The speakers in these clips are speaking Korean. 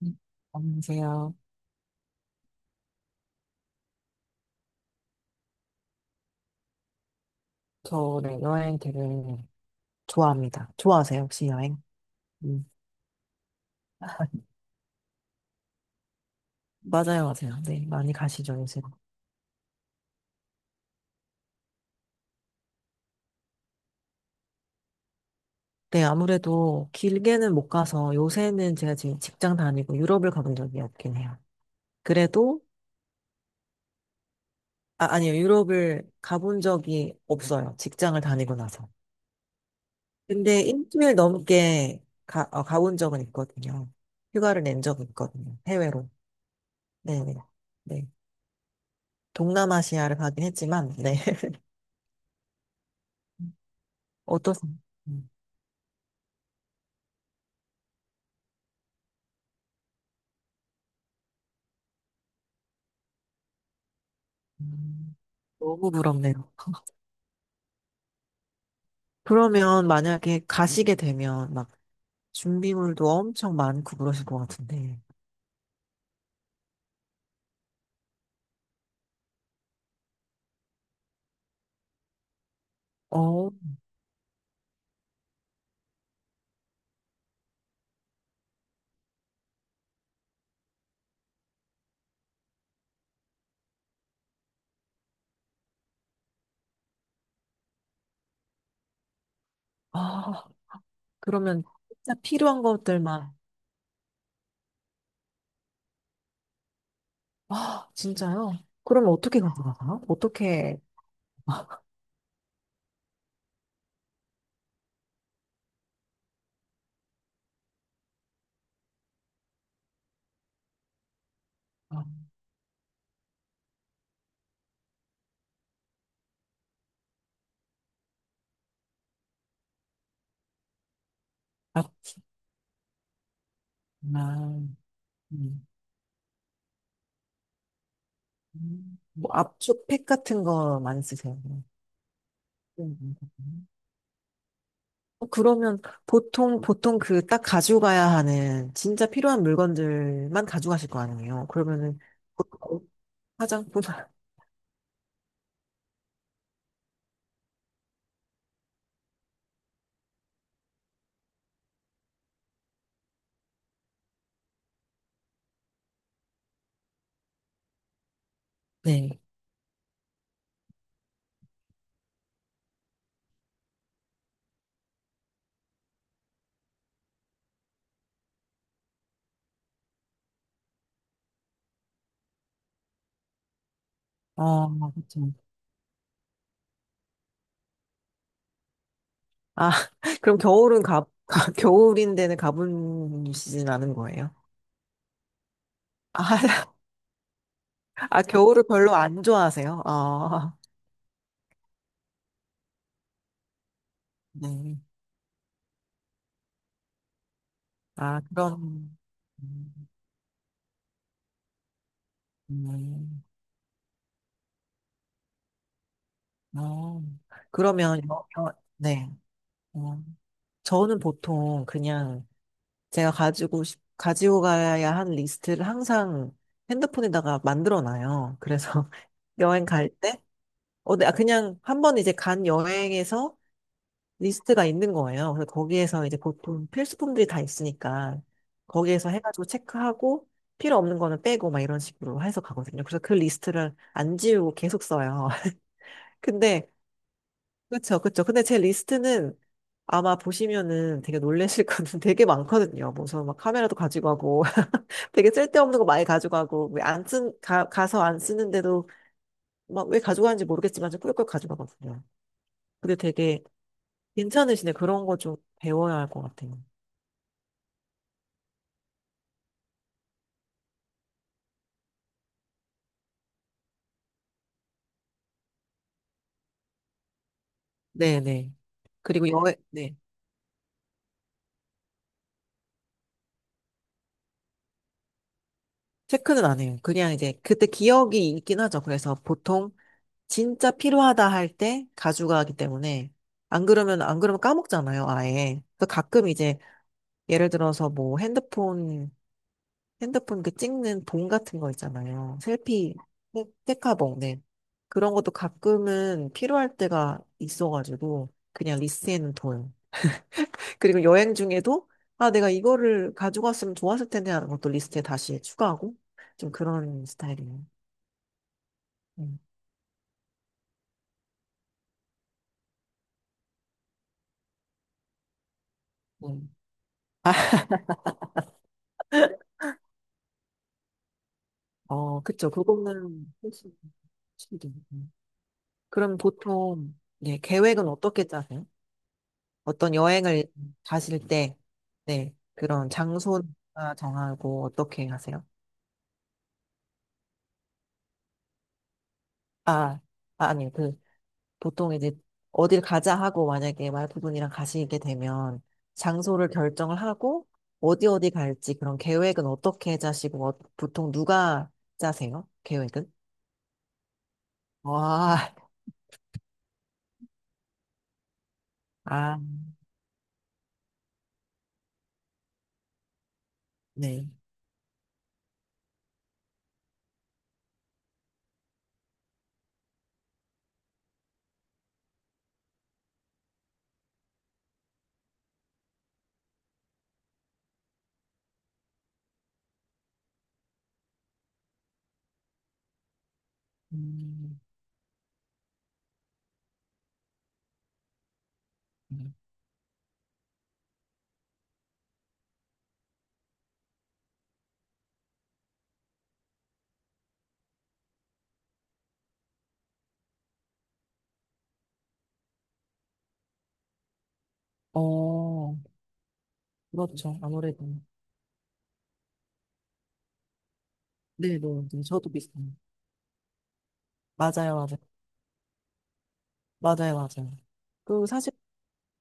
네. 안녕하세요. 저 네, 여행 되게 좋아합니다. 좋아하세요, 혹시 여행? 음. 맞아요, 맞아요. 네, 많이 가시죠, 요새. 네, 아무래도 길게는 못 가서 요새는 제가 지금 직장 다니고 유럽을 가본 적이 없긴 해요. 그래도, 아, 아니요, 유럽을 가본 적이 없어요. 직장을 다니고 나서. 근데 일주일 넘게 가본 적은 있거든요. 휴가를 낸 적은 있거든요. 해외로. 네네. 네. 네. 동남아시아를 가긴 했지만, 네. 어떠세요? 음, 음, 너무 부럽네요. 그러면 만약에 가시게 되면 막 준비물도 엄청 많고 그러실 것 같은데. 어, 아, 그러면 진짜 필요한 것들만. 아, 진짜요? 그러면 어떻게 가져가요? 어떻게, 아, 앞, 아, 음, 뭐 압축팩 같은 거 많이 쓰세요? 음, 음, 그러면 보통 그 딱 가지고 가야 하는 진짜 필요한 물건들만 가져가실 거 아니에요? 그러면은 보통 화장품, 네. 그렇죠. 아, 그럼 겨울은 겨울인데는 가보시진 않은 거예요? 아, 아, 겨울을 별로 안 좋아하세요? 아, 네. 아, 그럼, 음, 음, 어, 그러면, 네. 어, 저는 보통 그냥 제가 가지고 가야 할 리스트를 항상 핸드폰에다가 만들어 놔요. 그래서 여행 갈 때, 네, 아, 그냥 한 번 이제 간 여행에서 리스트가 있는 거예요. 그래서 거기에서 이제 보통 필수품들이 다 있으니까 거기에서 해가지고 체크하고 필요 없는 거는 빼고 막 이런 식으로 해서 가거든요. 그래서 그 리스트를 안 지우고 계속 써요. 근데, 그쵸, 그쵸. 근데 제 리스트는 아마 보시면은 되게 놀라실 거는 되게 많거든요. 무슨 막 카메라도 가지고 가고 되게 쓸데없는 거 많이 가져가고, 왜 안 쓴, 가, 가서 안 쓰는데도 막 왜 가져가는지 모르겠지만 좀 꾸역꾸역 가져가거든요. 근데 되게 괜찮으시네. 그런 거 좀 배워야 할 것 같아요. 네네. 그리고 여행, 네. 체크는 안 해요. 그냥 이제 그때 기억이 있긴 하죠. 그래서 보통 진짜 필요하다 할 때 가져가기 때문에 안 그러면 까먹잖아요. 아예. 그래서 가끔 이제 예를 들어서 뭐 핸드폰 그 찍는 봉 같은 거 있잖아요. 셀카 봉 네 그런 것도 가끔은 필요할 때가 있어가지고, 그냥 리스트에는 둬요. 그리고 여행 중에도, 아, 내가 이거를 가져갔으면 좋았을 텐데 하는 것도 리스트에 다시 추가하고, 좀 그런 스타일이에요. 음, 음. 그쵸. 그거는, 필수. 음. 그럼 보통, 예, 계획은 어떻게 짜세요? 어떤 여행을 가실 때, 네, 그런 장소나 정하고 어떻게 하세요? 아, 아, 아니요. 그, 보통 이제 어딜 가자 하고 만약에 와이프분이랑 가시게 되면 장소를 결정을 하고 어디 어디 갈지 그런 계획은 어떻게 짜시고 보통 누가 짜세요? 계획은? 와, 아, 네. 음, 음. 어, 그렇죠. 아무래도. 네, 네, 네. 저도 비슷해요. 맞아요, 맞아요. 맞아요, 맞아요. 그 사실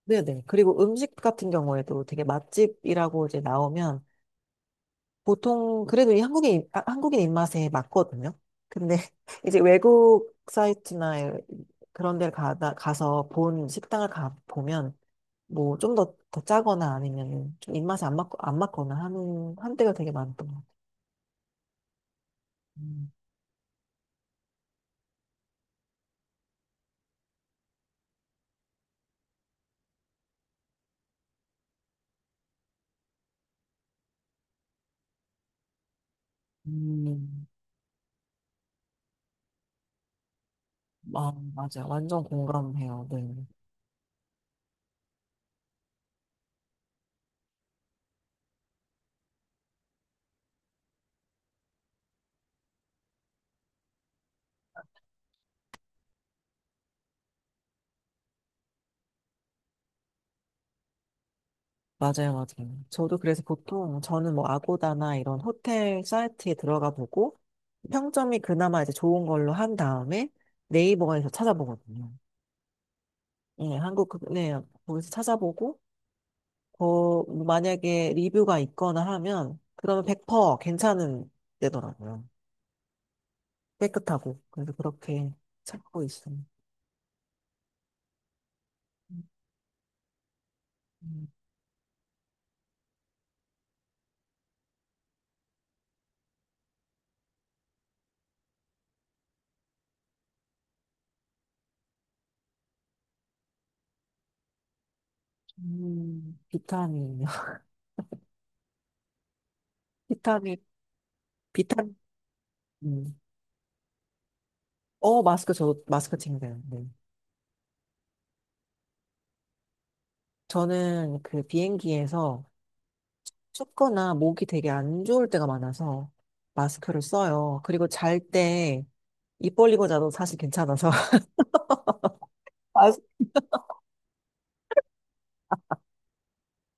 네네. 그리고 음식 같은 경우에도 되게 맛집이라고 이제 나오면 보통 그래도 이 한국인 입맛에 맞거든요. 근데 이제 외국 사이트나 그런 데를 가서 본 식당을 가 보면 뭐 좀 더, 더 짜거나 아니면 좀 입맛에 안 맞거나 하는 한때가 되게 많던 것 같아요. 음, 음, 아, 맞아. 완전 공감해요. 네. 맞아요, 맞아요. 저도 그래서 보통 저는 뭐 아고다나 이런 호텔 사이트에 들어가 보고 평점이 그나마 이제 좋은 걸로 한 다음에 네이버에서 찾아보거든요. 예, 한국 네, 거기서 찾아보고 뭐 만약에 리뷰가 있거나 하면 그러면 100% 괜찮은 데더라고요. 깨끗하고 그래서 그렇게 찾고 있어요. 음, 비타민이요. 비타민, 비타민. 음. 마스크 마스크 챙겨요. 네. 저는 그 비행기에서 춥거나 목이 되게 안 좋을 때가 많아서 마스크를 써요. 그리고 잘 때 입 벌리고 자도 사실 괜찮아서. 아,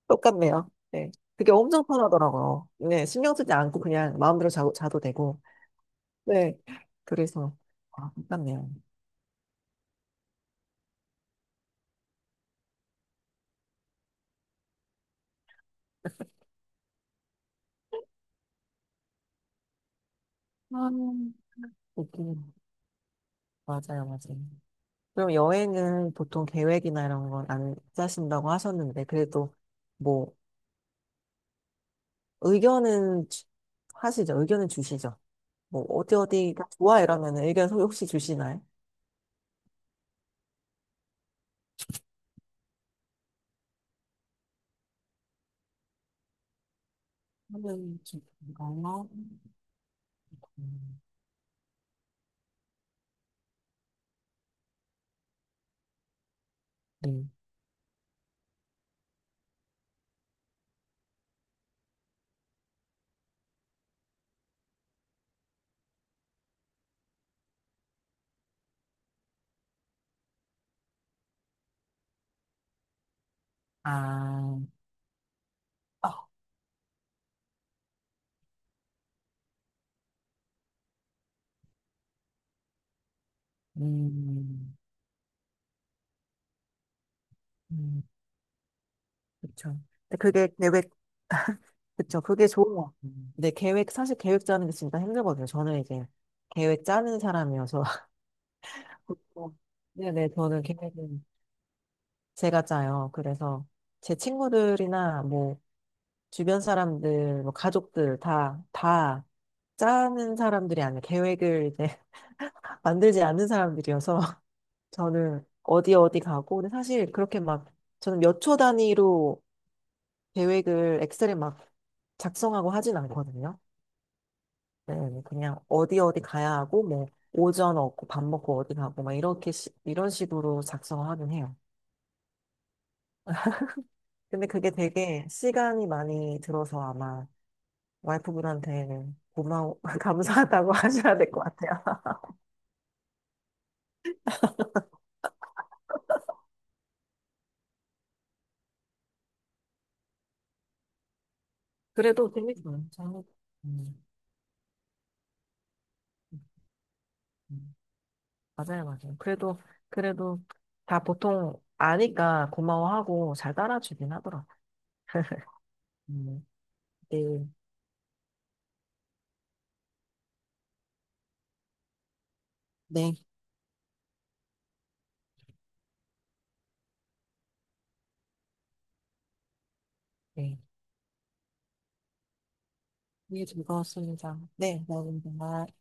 똑같네요. 네. 그게 엄청 편하더라고요. 네. 신경 쓰지 않고 그냥 마음대로 자고, 자도 되고. 네. 그래서, 아, 똑같네요. 아, 웃기네. 맞아요, 맞아요. 그럼 여행은 보통 계획이나 이런 건 안 짜신다고 하셨는데, 그래도 뭐, 의견은 하시죠. 의견은 주시죠. 뭐 어디 어디가 좋아 이러면 의견 혹시 주시나요? 하는 중인가요? 음, 네. 아, 아, 음, 음, 그쵸. 근데 그게 계획, 그쵸. 그게 좋은 것 같아요. 근데 계획, 사실 계획 짜는 게 진짜 힘들거든요. 저는 이제 계획 짜는 사람이어서. 그 네네, 저는 계획은 제가 짜요. 그래서 제 친구들이나 뭐 주변 사람들, 뭐 가족들 다 짜는 사람들이 아니에요. 계획을 이제 만들지 않는 사람들이어서 저는 어디 어디 가고 근데 사실 그렇게 막 저는 몇 초 단위로 계획을 엑셀에 막 작성하고 하진 않거든요. 네, 그냥 어디 어디 가야 하고 뭐 오전 얻고 밥 먹고 어디 가고 막 이렇게 이런 식으로 작성하긴 해요. 근데 그게 되게 시간이 많이 들어서 아마 와이프분한테는 고마워 감사하다고 하셔야 될 것 같아요. 그래도 재밌어요. 음. 음. 맞아요, 맞아요. 그래도 다 보통 아니까 고마워하고 잘 따라주긴 하더라고요. 음, 네, 네, 네. 이게 즐거웠습니다. 네, 감사합니다.